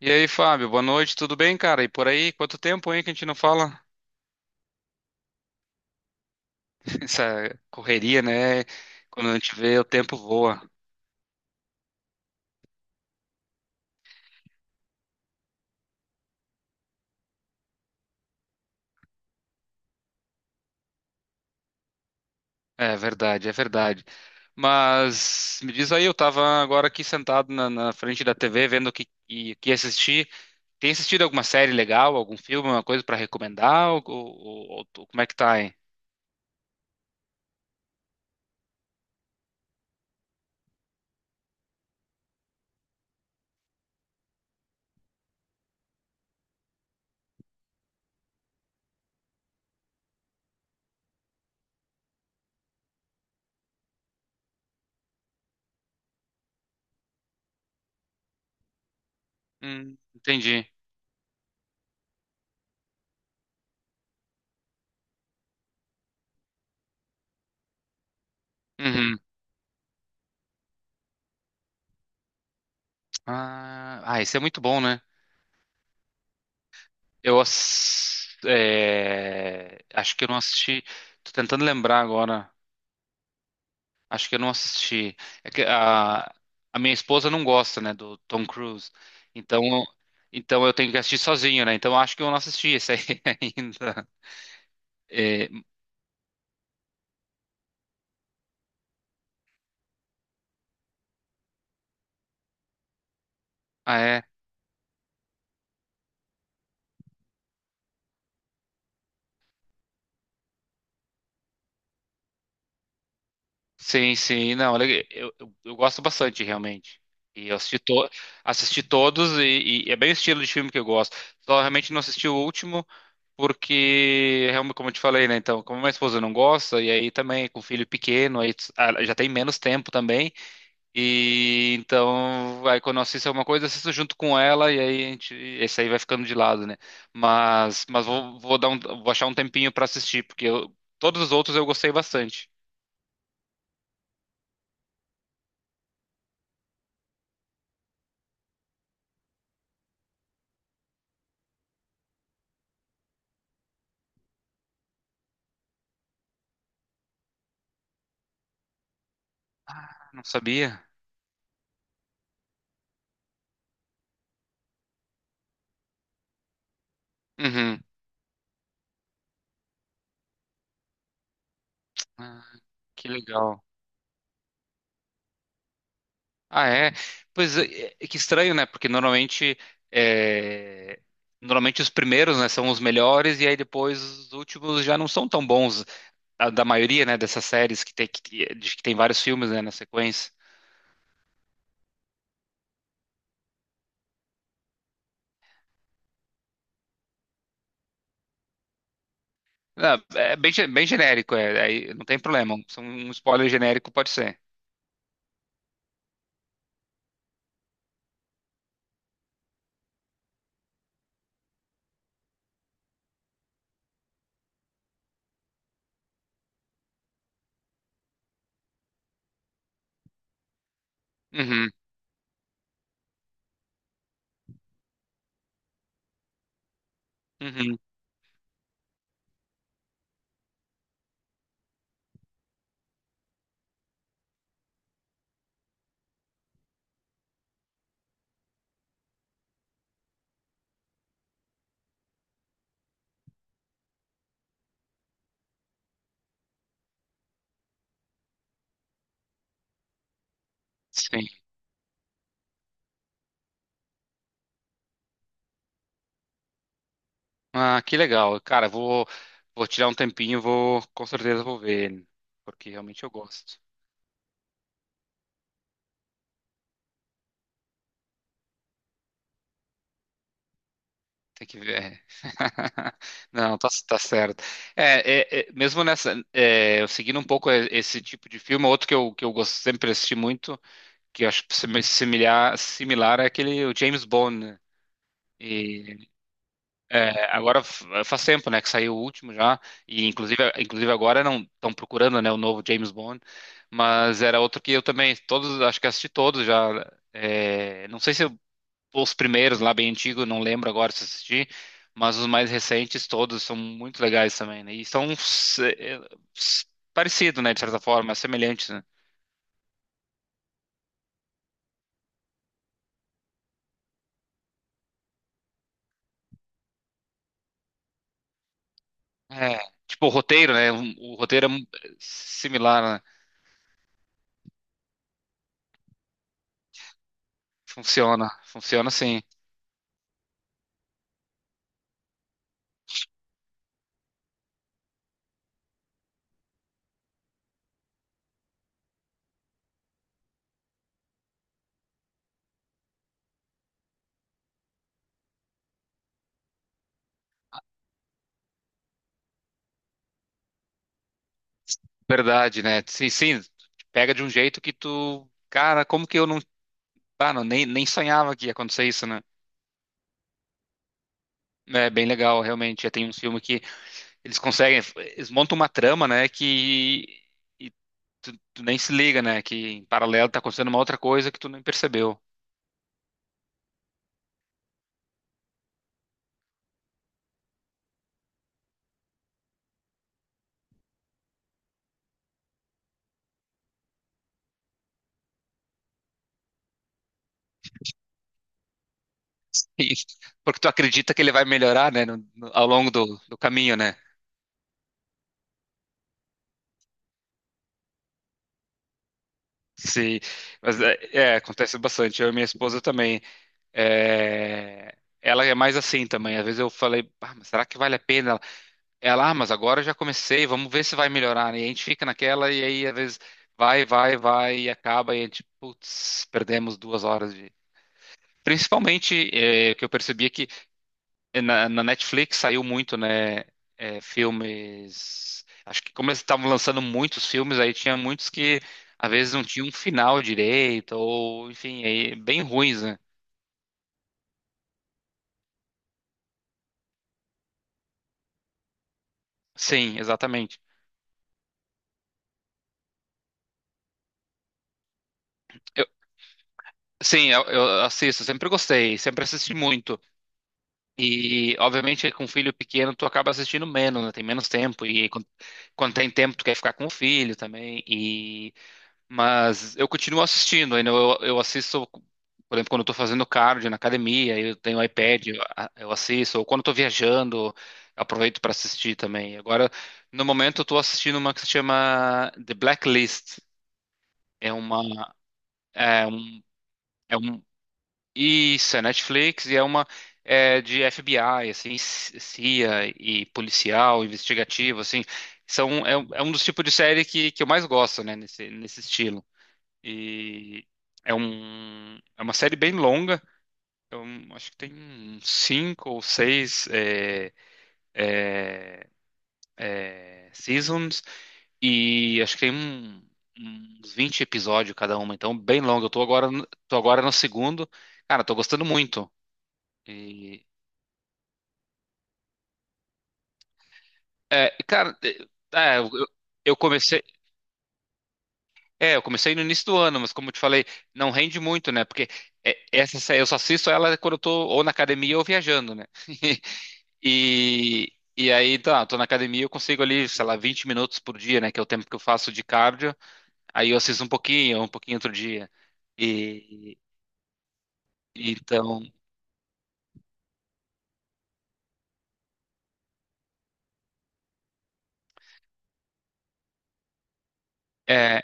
E aí, Fábio, boa noite, tudo bem, cara? E por aí, quanto tempo, hein, que a gente não fala? Essa correria, né? Quando a gente vê, o tempo voa. É verdade, é verdade. Mas me diz aí, eu tava agora aqui sentado na frente da TV vendo o que assistir. Tem assistido alguma série legal, algum filme, alguma coisa pra recomendar? Ou como é que tá, hein? Entendi. Uhum. Ah, ah, isso é muito bom, né? É, acho que eu não assisti. Tô tentando lembrar agora. Acho que eu não assisti. É que a minha esposa não gosta, né, do Tom Cruise. Então, então eu tenho que assistir sozinho, né? Então acho que eu não assisti esse aí ainda. É, ah, é. Sim, sim. Não, eu gosto bastante, realmente. E eu assisti todos e, é bem o estilo de filme que eu gosto. Só realmente não assisti o último, porque, realmente, como eu te falei, né? Então, como minha esposa não gosta, e aí também com o filho pequeno, já tem menos tempo também. E então, aí quando eu assisto alguma coisa, eu assisto junto com ela, e aí a gente, esse aí vai ficando de lado, né? Mas vou achar um tempinho pra assistir. Todos os outros eu gostei bastante. Ah, não sabia? Uhum. Ah, que legal. Ah, é? Pois é, é que estranho, né? Porque é, normalmente os primeiros, né, são os melhores e aí depois os últimos já não são tão bons da maioria, né, dessas séries que de que tem vários filmes, né, na sequência. Não, é bem genérico, é, aí não tem problema. Um spoiler genérico pode ser. Uhum, uhum, sim. Ah, que legal. Cara, vou tirar um tempinho, vou com certeza vou ver ele, porque realmente eu gosto. Tem que ver. Não, tá certo. É, mesmo nessa, eu seguindo um pouco esse tipo de filme, outro que eu gosto, sempre assisti muito, que eu acho que similar é aquele o James Bond, né? E agora faz tempo, né, que saiu o último já, e inclusive agora não estão procurando, né, o novo James Bond, mas era outro que eu também todos, acho que assisti todos já. É, não sei se eu os primeiros lá, bem antigos, não lembro agora se assisti, mas os mais recentes todos são muito legais também, né? E são s- parecidos, né, de certa forma, semelhantes, né? É, tipo o roteiro, né? O roteiro é similar, né? Funciona, funciona sim. Verdade, né? Sim, sim, pega de um jeito que tu, cara, como que eu não, ah, não, nem sonhava que ia acontecer isso, né? É bem legal, realmente. Já tem uns filmes que eles conseguem, eles montam uma trama, né, que tu nem se liga, né? Que em paralelo tá acontecendo uma outra coisa que tu nem percebeu. E- Porque tu acredita que ele vai melhorar, né? Ao longo do caminho, né? Se, Mas é, acontece bastante. Eu e minha esposa também. É, ela é mais assim também. Às vezes eu falei, ah, mas será que vale a pena? Ela, ah, mas agora eu já comecei, vamos ver se vai melhorar. E a gente fica naquela, e aí às vezes vai, vai, vai, e acaba, e a gente, putz, perdemos 2 horas de. Principalmente, o que eu percebi é que na Netflix saiu muito, né? Filmes. Acho que como eles estavam lançando muitos filmes, aí tinha muitos que às vezes não tinham um final direito, ou enfim, aí, bem ruins, né? Sim, exatamente. Eu- sim, eu assisto, sempre gostei, sempre assisti muito. E obviamente com filho pequeno tu acaba assistindo menos, né? Tem menos tempo. E quando tem tempo, tu quer ficar com o filho também. Mas eu continuo assistindo, ainda eu assisto, por exemplo, quando eu tô fazendo cardio na academia, eu tenho iPad, eu assisto, ou quando eu tô viajando, eu aproveito para assistir também. Agora, no momento, eu tô assistindo uma que se chama The Blacklist. É uma, é um, é um, Isso, é Netflix e é uma é de FBI, assim, CIA e policial, investigativo, assim. É um dos tipos de série que eu mais gosto, né, nesse estilo. E é uma série bem longa. Eu acho que tem uns cinco ou seis seasons e acho que tem uns 20 episódios cada uma, então bem longa. Eu tô agora, no segundo. Cara, tô gostando muito. E, cara, é, eu, eu comecei no início do ano, mas como eu te falei, não rende muito, né? Porque essa série eu só assisto ela quando eu tô ou na academia ou viajando, né? E aí, tá, tô na academia, eu consigo ali, sei lá, 20 minutos por dia, né? Que é o tempo que eu faço de cardio. Aí eu assisto um pouquinho outro dia. E então, é,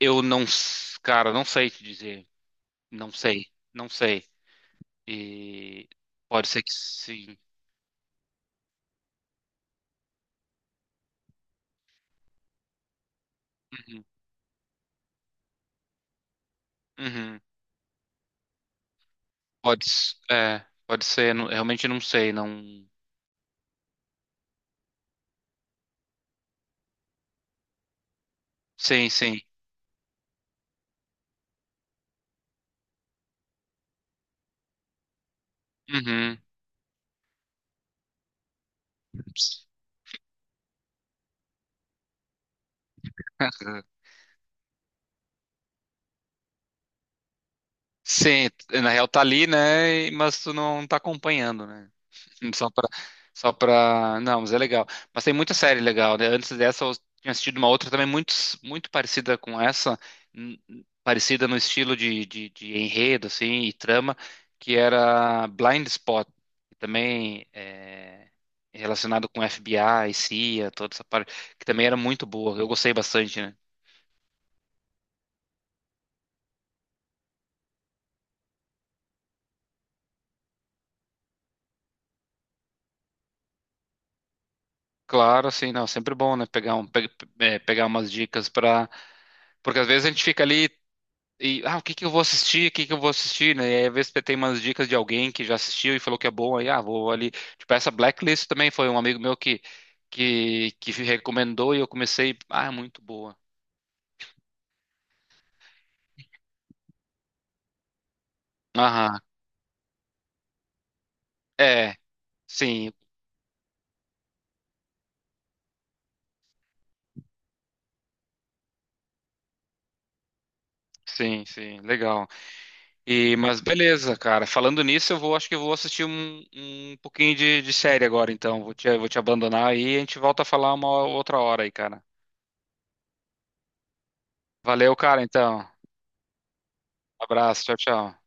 eu não, cara, não sei te dizer. Não sei, não sei. E pode ser que sim. Uhum, uhum. Pode ser, realmente não sei, não. Sim, sim. Uhum. Sim, na real tá ali, né? Mas tu não tá acompanhando, né? Só pra, só pra. Não, mas é legal. Mas tem muita série legal, né? Antes dessa, eu tinha assistido uma outra também muito, muito parecida com essa, parecida no estilo de, de enredo, assim, e trama, que era Blind Spot, que também é relacionado com FBI, CIA, toda essa parte, que também era muito boa. Eu gostei bastante, né? Claro, assim, não, sempre bom, né? Pegar um, pe- pe- é, pegar umas dicas para. Porque às vezes a gente fica ali. E, ah, o que que eu vou assistir? O que que eu vou assistir, né? E aí, às vezes você tem umas dicas de alguém que já assistiu e falou que é bom, aí, ah, vou ali. Tipo, essa Blacklist também foi um amigo meu que recomendou e eu comecei, ah, é muito boa. Aham, é, sim, sim, sim, legal. E, mas beleza, cara, falando nisso, acho que eu vou assistir um pouquinho de, série agora, então. Vou te abandonar aí e a gente volta a falar uma outra hora aí, cara. Valeu, cara, então. Abraço, tchau, tchau.